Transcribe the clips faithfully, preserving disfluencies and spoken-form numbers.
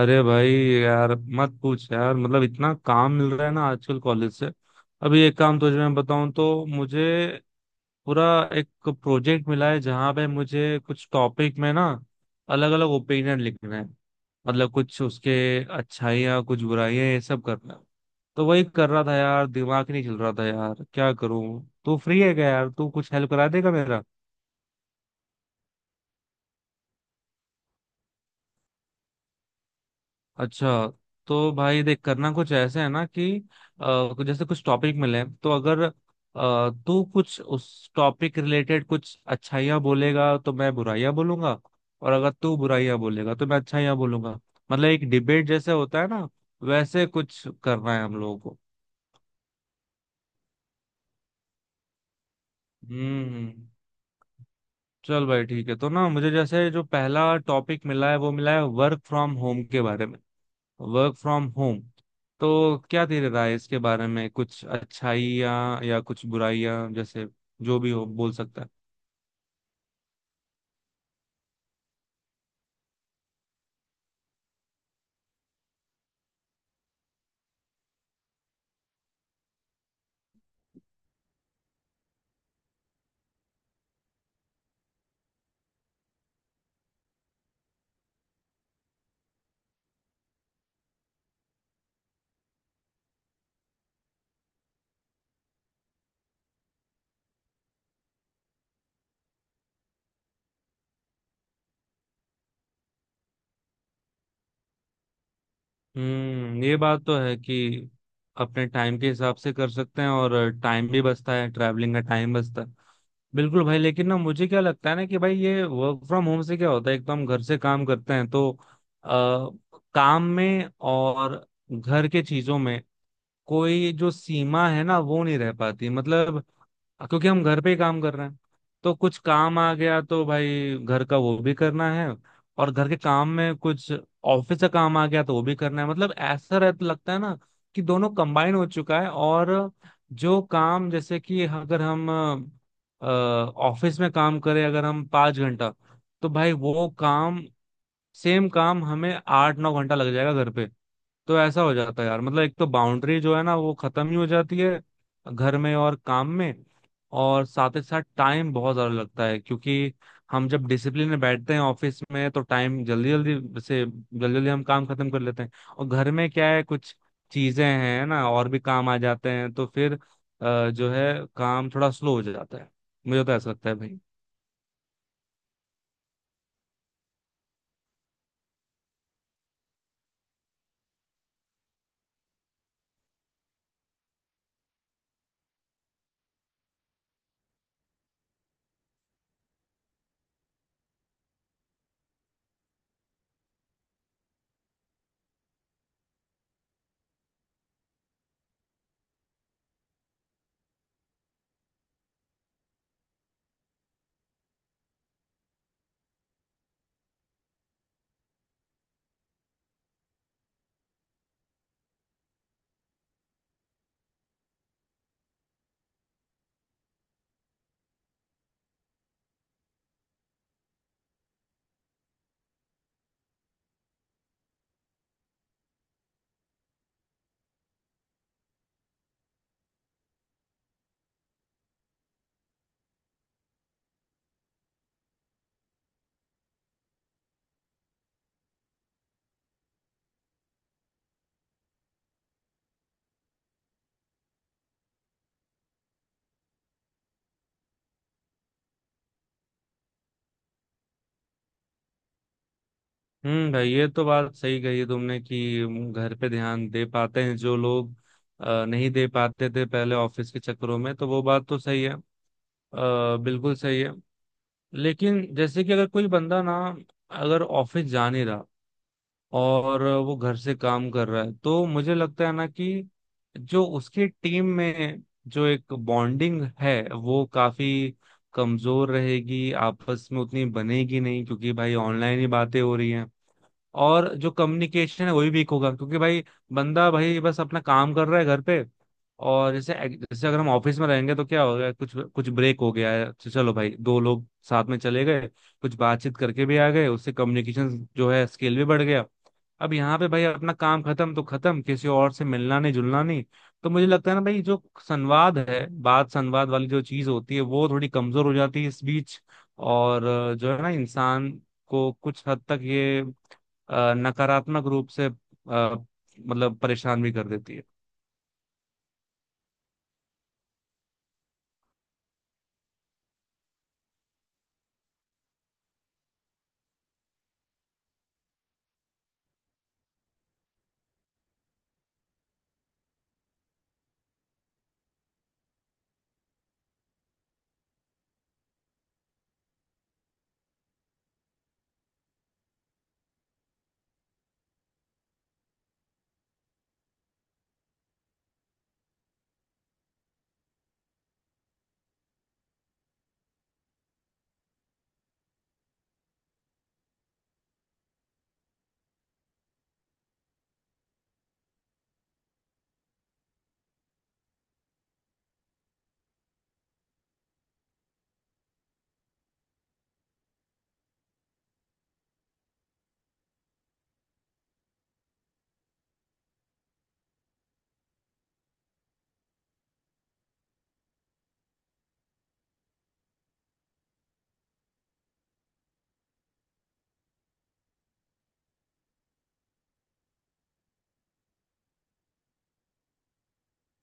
अरे भाई यार, मत पूछ यार। मतलब इतना काम मिल रहा है ना आजकल कॉलेज से। अभी एक काम तुझे मैं बताऊं तो मुझे पूरा एक प्रोजेक्ट मिला है जहां पे मुझे कुछ टॉपिक में ना अलग अलग ओपिनियन लिखना है। मतलब कुछ उसके अच्छाइयाँ, कुछ बुराइयां, ये सब करना है। तो वही कर रहा था यार, दिमाग ही नहीं चल रहा था यार, क्या करूं। तू फ्री है क्या यार? तू कुछ हेल्प करा देगा मेरा? अच्छा, तो भाई देख, करना कुछ ऐसे है ना कि अ, जैसे कुछ टॉपिक मिले हैं, तो अगर अ, तू कुछ उस टॉपिक रिलेटेड कुछ अच्छाइयाँ बोलेगा तो मैं बुराइयाँ बोलूंगा। और अगर तू बुराइयाँ बोलेगा तो मैं अच्छाइयाँ बोलूंगा। मतलब एक डिबेट जैसे होता है ना, वैसे कुछ करना है हम लोगों को। हम्म। चल भाई ठीक है। तो ना मुझे जैसे जो पहला टॉपिक मिला है, वो मिला है वर्क फ्रॉम होम के बारे में। Work from home. तो क्या तेरी राय है इसके बारे में? कुछ अच्छाइयाँ या कुछ बुराइयाँ, जैसे जो भी हो बोल सकता है। हम्म, ये बात तो है कि अपने टाइम के हिसाब से कर सकते हैं, और टाइम भी बचता है, ट्रैवलिंग का टाइम बचता है। बिल्कुल भाई। लेकिन ना मुझे क्या लगता है ना कि भाई, ये वर्क फ्रॉम होम से क्या होता है, एक तो हम घर से काम करते हैं तो आ, काम में और घर के चीजों में कोई जो सीमा है ना वो नहीं रह पाती, मतलब क्योंकि हम घर पे ही काम कर रहे हैं। तो कुछ काम आ गया तो भाई घर का वो भी करना है, और घर के काम में कुछ ऑफिस का काम आ गया तो वो भी करना है। मतलब ऐसा रहता लगता है ना कि दोनों कंबाइन हो चुका है। और जो काम जैसे कि अगर हम अ, ऑफिस में काम करें अगर हम पाँच घंटा, तो भाई वो काम, सेम काम हमें आठ नौ घंटा लग जाएगा घर पे। तो ऐसा हो जाता है यार, मतलब एक तो बाउंड्री जो है ना वो खत्म ही हो जाती है, घर में और काम में। और साथ ही साथ टाइम बहुत ज्यादा लगता है, क्योंकि हम जब डिसिप्लिन में बैठते हैं ऑफिस में तो टाइम जल्दी जल्दी से जल्दी जल्दी हम काम खत्म कर लेते हैं। और घर में क्या है, कुछ चीजें हैं ना और भी काम आ जाते हैं, तो फिर अ, जो है काम थोड़ा स्लो हो जाता है। मुझे तो ऐसा लगता है भाई। हम्म भाई, ये तो बात सही कही तुमने कि घर पे ध्यान दे पाते हैं जो लोग अ, नहीं दे पाते थे पहले ऑफिस के चक्करों में, तो वो बात तो सही है, अ, बिल्कुल सही है। लेकिन जैसे कि अगर कोई बंदा ना, अगर ऑफिस जा नहीं रहा और वो घर से काम कर रहा है, तो मुझे लगता है ना कि जो उसकी टीम में जो एक बॉन्डिंग है वो काफी कमजोर रहेगी, आपस में उतनी बनेगी नहीं, क्योंकि भाई ऑनलाइन ही बातें हो रही हैं। और जो कम्युनिकेशन है वही वीक होगा, क्योंकि भाई बंदा भाई बस अपना काम कर रहा है घर पे। और जैसे जैसे अगर हम ऑफिस में रहेंगे तो क्या हो गया, कुछ कुछ ब्रेक हो गया है तो चलो भाई, दो लोग साथ में चले गए, कुछ बातचीत करके भी आ गए, उससे कम्युनिकेशन जो है स्किल भी बढ़ गया। अब यहाँ पे भाई अपना काम खत्म तो खत्म, किसी और से मिलना नहीं जुलना नहीं। तो मुझे लगता है ना भाई, जो संवाद है, बात संवाद वाली जो चीज होती है वो थोड़ी कमजोर हो जाती है इस बीच। और अ, जो है ना, इंसान को कुछ हद तक ये अ, नकारात्मक रूप से अ, मतलब परेशान भी कर देती है।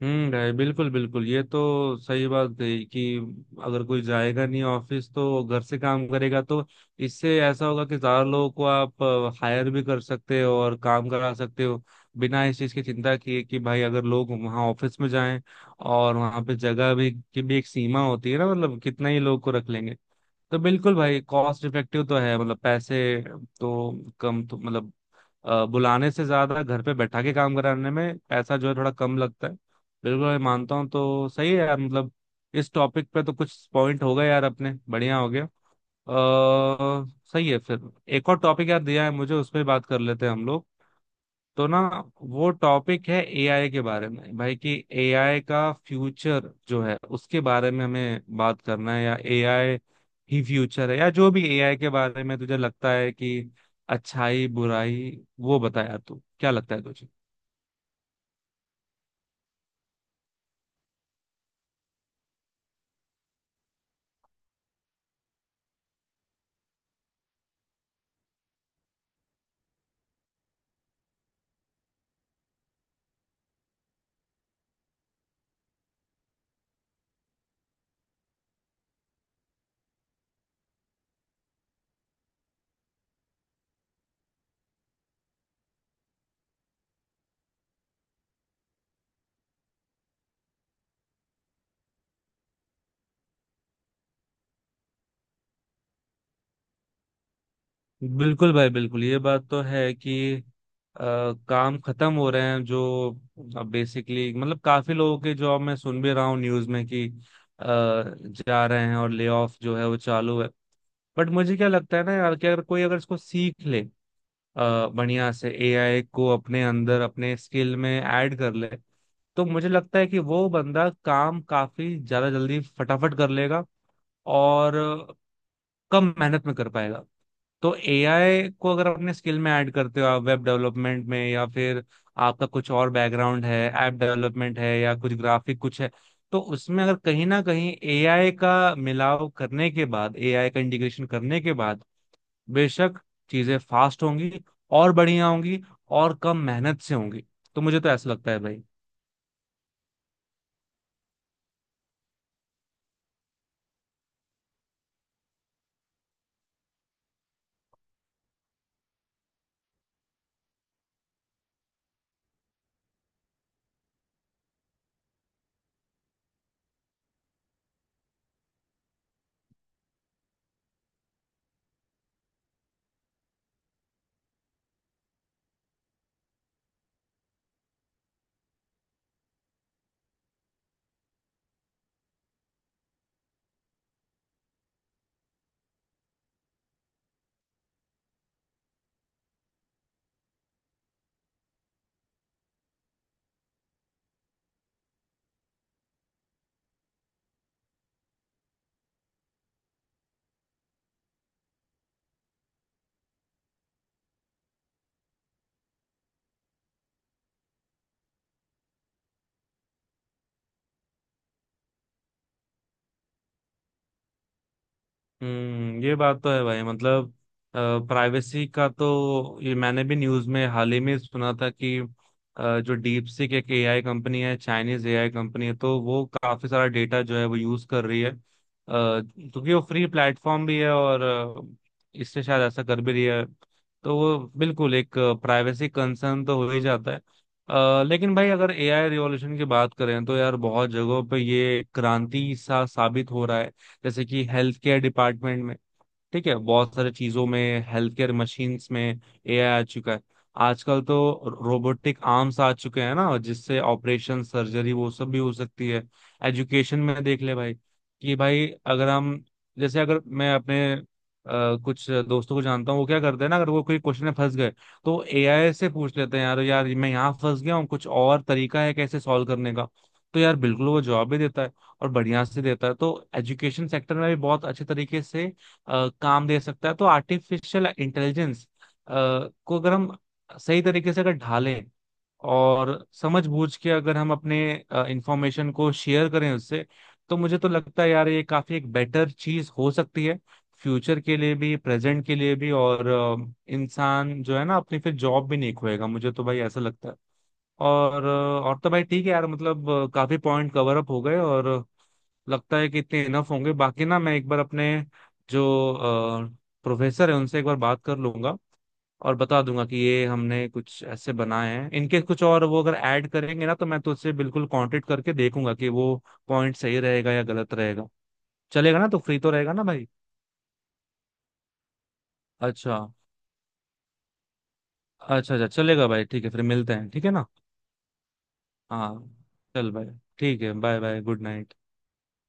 हम्म भाई, बिल्कुल बिल्कुल, ये तो सही बात कही कि अगर कोई जाएगा नहीं ऑफिस तो घर से काम करेगा, तो इससे ऐसा होगा कि ज्यादा लोगों को आप हायर भी कर सकते हो और काम करा सकते हो, बिना इस चीज की चिंता किए कि भाई अगर लोग वहाँ ऑफिस में जाएं, और वहाँ पे जगह भी की भी एक सीमा होती है ना, मतलब कितना ही लोग को रख लेंगे। तो बिल्कुल भाई, कॉस्ट इफेक्टिव तो है, मतलब पैसे तो कम तो, मतलब अ, बुलाने से ज्यादा घर पे बैठा के काम कराने में पैसा जो है थोड़ा कम लगता है। बिल्कुल, मैं मानता हूँ तो सही है यार, मतलब इस टॉपिक पे तो कुछ पॉइंट हो गए यार अपने, बढ़िया हो गया। अ सही है फिर। एक और टॉपिक यार दिया है मुझे, उस पर बात कर लेते हैं हम लोग। तो ना वो टॉपिक है ए आई के बारे में भाई, कि ए आई का फ्यूचर जो है उसके बारे में हमें बात करना है, या ए आई ही फ्यूचर है, या जो भी ए आई के बारे में तुझे लगता है कि अच्छाई बुराई, वो बता यार, तू क्या लगता है तुझे? बिल्कुल भाई बिल्कुल, ये बात तो है कि अ, काम खत्म हो रहे हैं जो, अब बेसिकली मतलब काफी लोगों के जॉब मैं सुन भी रहा हूँ न्यूज में कि अ, जा रहे हैं, और ले ऑफ जो है वो चालू है। बट मुझे क्या लगता है ना यार कि अगर कोई अगर इसको सीख ले, अ, बढ़िया से ए आई को अपने अंदर अपने स्किल में ऐड कर ले, तो मुझे लगता है कि वो बंदा काम काफी ज्यादा जल्दी फटाफट कर लेगा, और कम मेहनत में कर पाएगा। तो ए आई को अगर अपने स्किल में ऐड करते हो आप वेब डेवलपमेंट में, या फिर आपका कुछ और बैकग्राउंड है, ऐप डेवलपमेंट है या कुछ ग्राफिक कुछ है, तो उसमें अगर कहीं ना कहीं ए आई का मिलाव करने के बाद, ए आई का इंटीग्रेशन करने के बाद, बेशक चीजें फास्ट होंगी, और बढ़िया होंगी, और कम मेहनत से होंगी। तो मुझे तो ऐसा लगता है भाई। हम्म, ये बात तो है भाई, मतलब प्राइवेसी का तो, ये मैंने भी न्यूज में हाल ही में सुना था कि अ, जो डीप सीक एक ए आई कंपनी है, चाइनीज ए आई कंपनी है, तो वो काफी सारा डेटा जो है वो यूज कर रही है, अ, क्योंकि वो फ्री प्लेटफॉर्म भी है, और अ, इससे शायद ऐसा कर भी रही है। तो वो बिल्कुल एक प्राइवेसी कंसर्न तो हो ही जाता है। अ, लेकिन भाई अगर ए आई रिवॉल्यूशन की बात करें तो यार बहुत जगहों पे ये क्रांति सा साबित हो रहा है, जैसे कि हेल्थ केयर डिपार्टमेंट में, ठीक है, बहुत सारे चीजों में, हेल्थ केयर मशीन्स में ए आई आ चुका है आजकल। तो रोबोटिक आर्म्स आ चुके हैं ना, जिससे ऑपरेशन सर्जरी वो सब भी हो सकती है। एजुकेशन में देख ले भाई, कि भाई अगर हम जैसे अगर मैं अपने अ, कुछ दोस्तों को जानता हूँ, वो क्या करते हैं ना, अगर वो कोई क्वेश्चन में फंस गए तो एआई से पूछ लेते हैं, यार यार मैं यहाँ फंस गया हूँ, कुछ और तरीका है कैसे सॉल्व करने का। तो यार बिल्कुल वो जवाब भी देता है, और बढ़िया से देता है। तो एजुकेशन सेक्टर में भी बहुत अच्छे तरीके से अ, काम दे सकता है। तो आर्टिफिशियल इंटेलिजेंस को अगर हम सही तरीके से अगर ढालें, और समझ बूझ के अगर हम अपने इंफॉर्मेशन को शेयर करें उससे, तो मुझे तो लगता है यार ये काफी एक बेटर चीज हो सकती है, फ्यूचर के लिए भी, प्रेजेंट के लिए भी, और अ, इंसान जो है ना अपनी फिर जॉब भी नहीं खोएगा। मुझे तो भाई ऐसा लगता है। और और तो भाई ठीक है यार, मतलब अ, काफी पॉइंट कवर अप हो गए और लगता है कि इतने इनफ होंगे। बाकी ना मैं एक बार अपने जो प्रोफेसर है उनसे एक बार बात कर लूंगा, और बता दूंगा कि ये हमने कुछ ऐसे बनाए हैं इनके, कुछ और वो अगर ऐड करेंगे ना, तो मैं तो उससे बिल्कुल कांटेक्ट करके देखूंगा कि वो पॉइंट सही रहेगा या गलत रहेगा। चलेगा ना? तो फ्री तो रहेगा ना भाई? अच्छा, अच्छा, अच्छा, चलेगा भाई, ठीक है फिर मिलते हैं, ठीक है ना? हाँ, चल भाई ठीक है। Bye bye, good night.